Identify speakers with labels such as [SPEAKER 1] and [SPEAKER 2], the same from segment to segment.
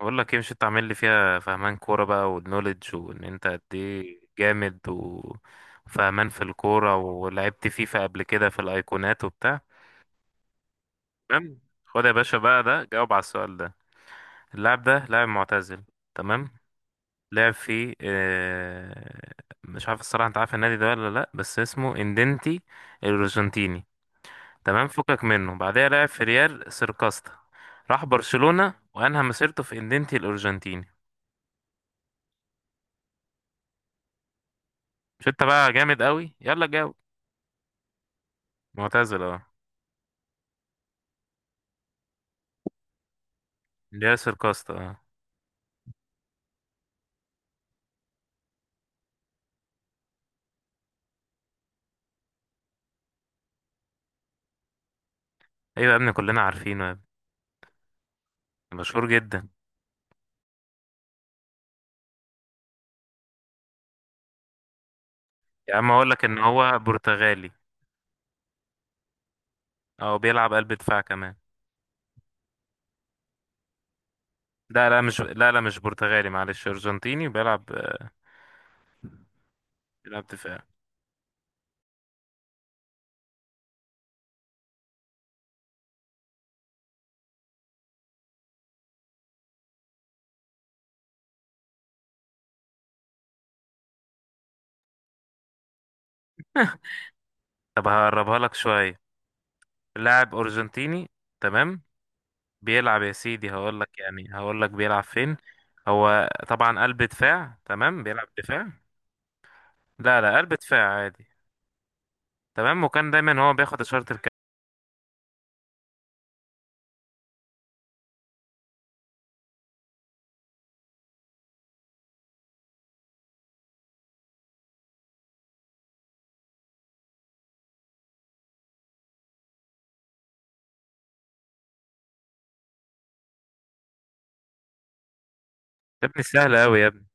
[SPEAKER 1] بقول لك ايه، مش انت عامل لي فيها فهمان كوره بقى والنوليدج وان انت قد ايه جامد وفهمان في الكوره ولعبت فيفا قبل كده في الايقونات وبتاع. تمام، خد يا باشا بقى، ده جاوب على السؤال ده. اللاعب ده لاعب معتزل. تمام. لعب في مش عارف الصراحه، انت عارف النادي ده ولا لا؟ بس اسمه اندنتي الارجنتيني. تمام، فكك منه، بعدها لعب في ريال سيركاستا، راح برشلونه وانهى مسيرته في اندنتي الارجنتيني. مش انت بقى جامد قوي؟ يلا جاوب. معتزل اه. اللي ياسر كوستا اه. ايوه يا ابني، كلنا عارفينه يا ابني. مشهور جدا. يا عم اقول لك ان هو برتغالي. او بيلعب قلب دفاع كمان. لا لا مش لا لا مش برتغالي، معلش، ارجنتيني بيلعب بيلعب دفاع. طب هقربها لك شويه. لاعب ارجنتيني. تمام. بيلعب يا سيدي، هقول لك بيلعب فين. هو طبعا قلب دفاع. تمام، بيلعب دفاع. لا لا، قلب دفاع عادي. تمام، وكان دايما هو بياخد اشاره الكابتن. يا ابني سهله قوي يا ابني.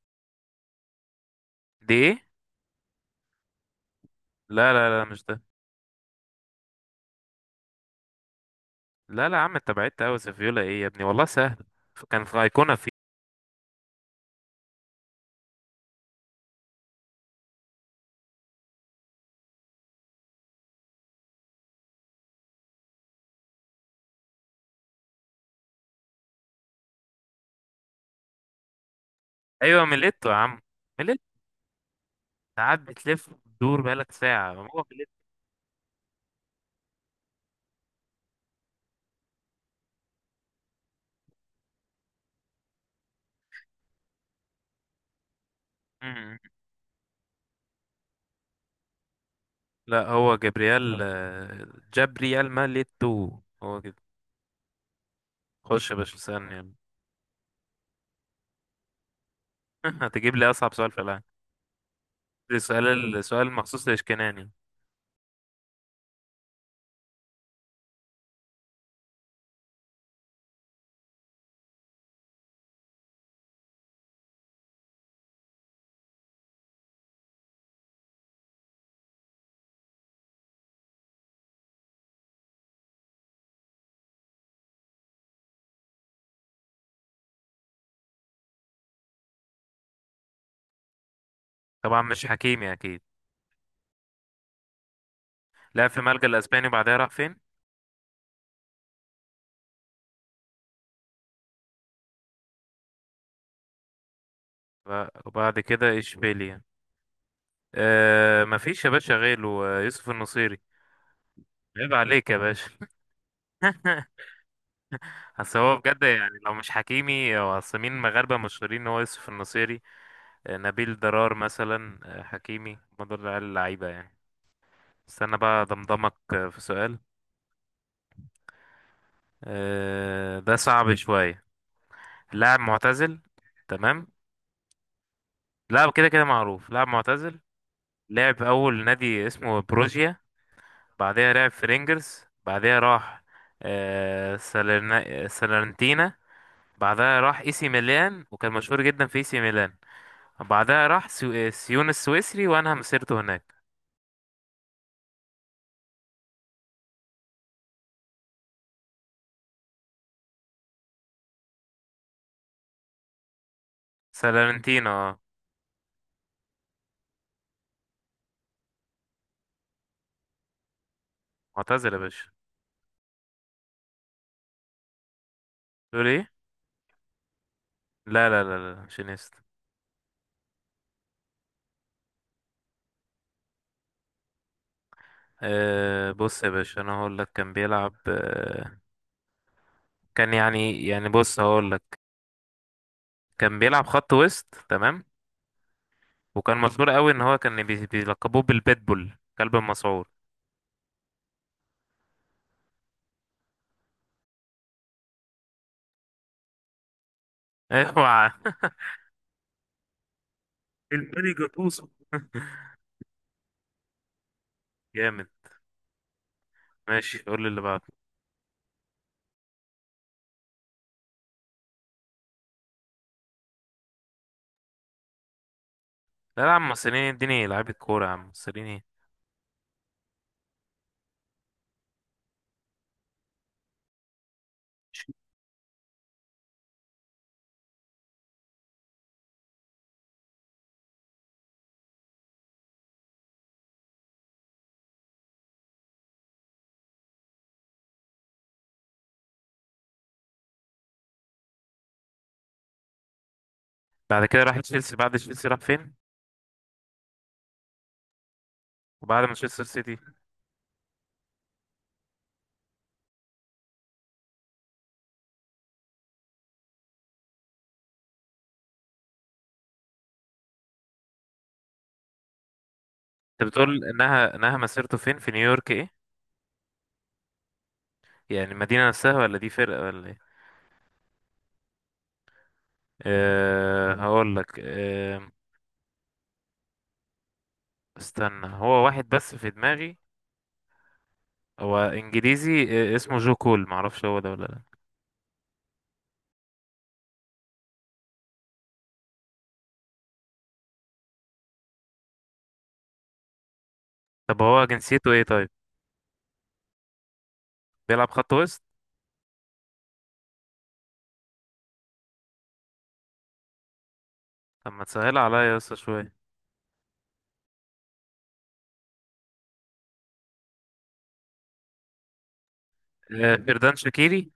[SPEAKER 1] دي ايه؟ لا لا لا مش ده. لا لا يا عم، انت بعدت قوي، سيفيولا ايه يا ابني؟ والله سهل. كان في ايقونه في. ايوه ميليتو يا عم، ميليتو. ساعات بتلف وتدور بقالك ساعه هو ميليتو. مم. لا، هو جابرييل جابرييل ميليتو هو كده. خش يا باشا، اسالني يلا. هتجيب لي اصعب سؤال في العالم. ده سؤال، سؤال مخصوص لاشكناني. طبعا مش حكيمي اكيد. لعب في الملجأ الاسباني وبعدها راح فين؟ وبعد كده اشبيليا. مفيش يا باشا غيره، يوسف النصيري. عيب عليك يا باشا. اصل هو بجد يعني لو مش حكيمي، هو اصل مين مغاربة مشهورين، ان هو يوسف النصيري. نبيل دلال مثلا، حكيمي، هما دول العيال اللعيبة يعني. استنى بقى ضمضمك، في سؤال، ده صعب شوية. لاعب معتزل. تمام. لاعب كده كده معروف، لاعب معتزل. لعب أول نادي اسمه بروجيا. بعدها لعب في رينجرز، بعدها راح سالرنتينا. بعدها راح اي سي ميلان وكان مشهور جدا في اي سي ميلان. بعدها راح سيون السويسري وأنهى مسيرته هناك. سالارنتينا اه. معتزل يا باشا. تقول ايه؟ لا لا لا لا، شينيستا. أه بص يا باشا، انا هقول لك كان بيلعب كان يعني بص هقول لك، كان بيلعب خط وسط، تمام. وكان مشهور قوي ان هو كان بيلقبوه بالبيتبول، كلب المسعور. اوعى. الباني جاتوسو. جامد. ماشي قول لي اللي بعده. لا لا يا عم، مصريين. اديني لعيبة كورة يا عم، مصريين ايه؟ بعد كده راح تشيلسي. بعد تشيلسي راح فين؟ وبعد مانشستر سيتي؟ انت بتقول انها مسيرته فين في نيويورك ايه؟ يعني المدينة نفسها، ولا دي فرقة ولا ايه؟ أه هقول لك أه، استنى، هو واحد بس في دماغي. هو انجليزي، اسمه جو كول، معرفش هو ده ولا لا. طب هو جنسيته ايه طيب؟ بيلعب خط وسط. طب ما تسهل عليا يا اسطى شوية. أه، فردان شاكيري.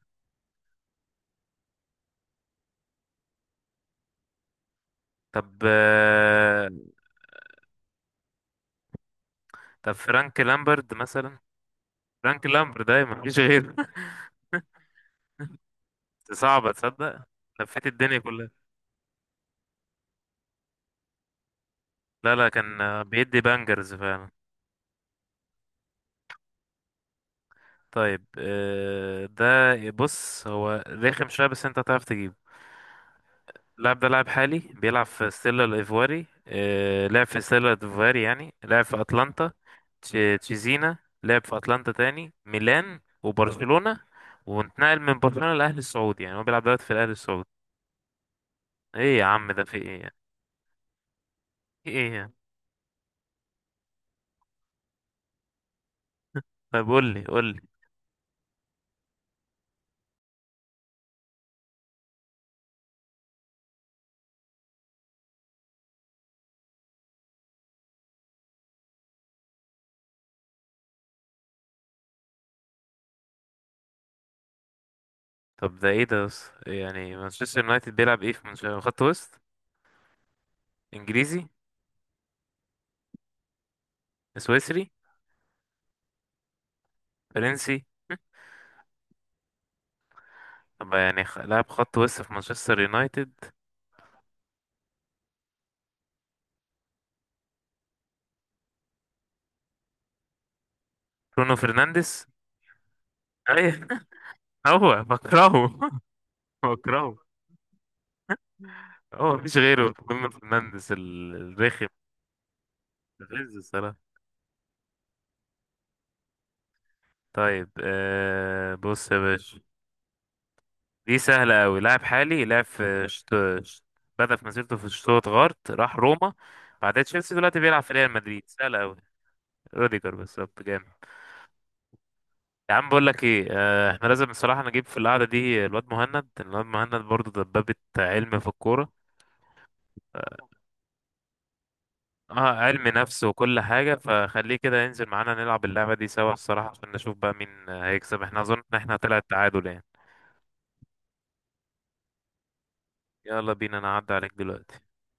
[SPEAKER 1] طب أه، طب فرانك لامبرد مثلا. فرانك لامبرد ده مفيش غيره. صعبة تصدق، لفيت الدنيا كلها. لا لا، كان بيدي بانجرز فعلا. طيب، ده بص، هو رخم شوية بس انت تعرف تجيب. اللاعب ده لاعب حالي، بيلعب في ستيلا الإيفواري، لعب في ستيلا الإيفواري يعني لعب في أتلانتا. تش- تشيزينا. لعب في أتلانتا، تاني ميلان وبرشلونة. وانتقل من برشلونة للأهلي السعودي، يعني هو بيلعب دلوقتي في الأهلي السعودي. ايه يا عم ده في ايه يعني؟ في ايه يعني؟ طب قول لي، قول لي. طب ده ايه ده بس، يعني مانشستر يونايتد بيلعب ايه في خط وسط؟ انجليزي؟ سويسري؟ فرنسي؟ طب يعني لاعب خط وسط في مانشستر يونايتد. برونو فرنانديز، ايوه. هو بكرهه. بكرهه. هو مفيش غيره برونو فرنانديز الرخم. الغز الصراحة. طيب بص يا باشا، دي سهلة أوي. لاعب حالي لعب في شت- بدأ في مسيرته في شتوتغارت، راح روما، بعدها تشيلسي، دلوقتي بيلعب في ريال مدريد. سهلة أوي. روديجر بالظبط، جامد. يا عم بقول لك ايه، احنا لازم بصراحة نجيب في القعدة دي الواد مهند. برضه دبابة علم في الكورة. اه علم نفس وكل حاجة، فخليه كده ينزل معانا نلعب اللعبة دي سوا الصراحة، عشان نشوف بقى مين هيكسب، احنا اظن ان احنا طلع التعادل يعني. يلا بينا، انا هعدي عليك دلوقتي.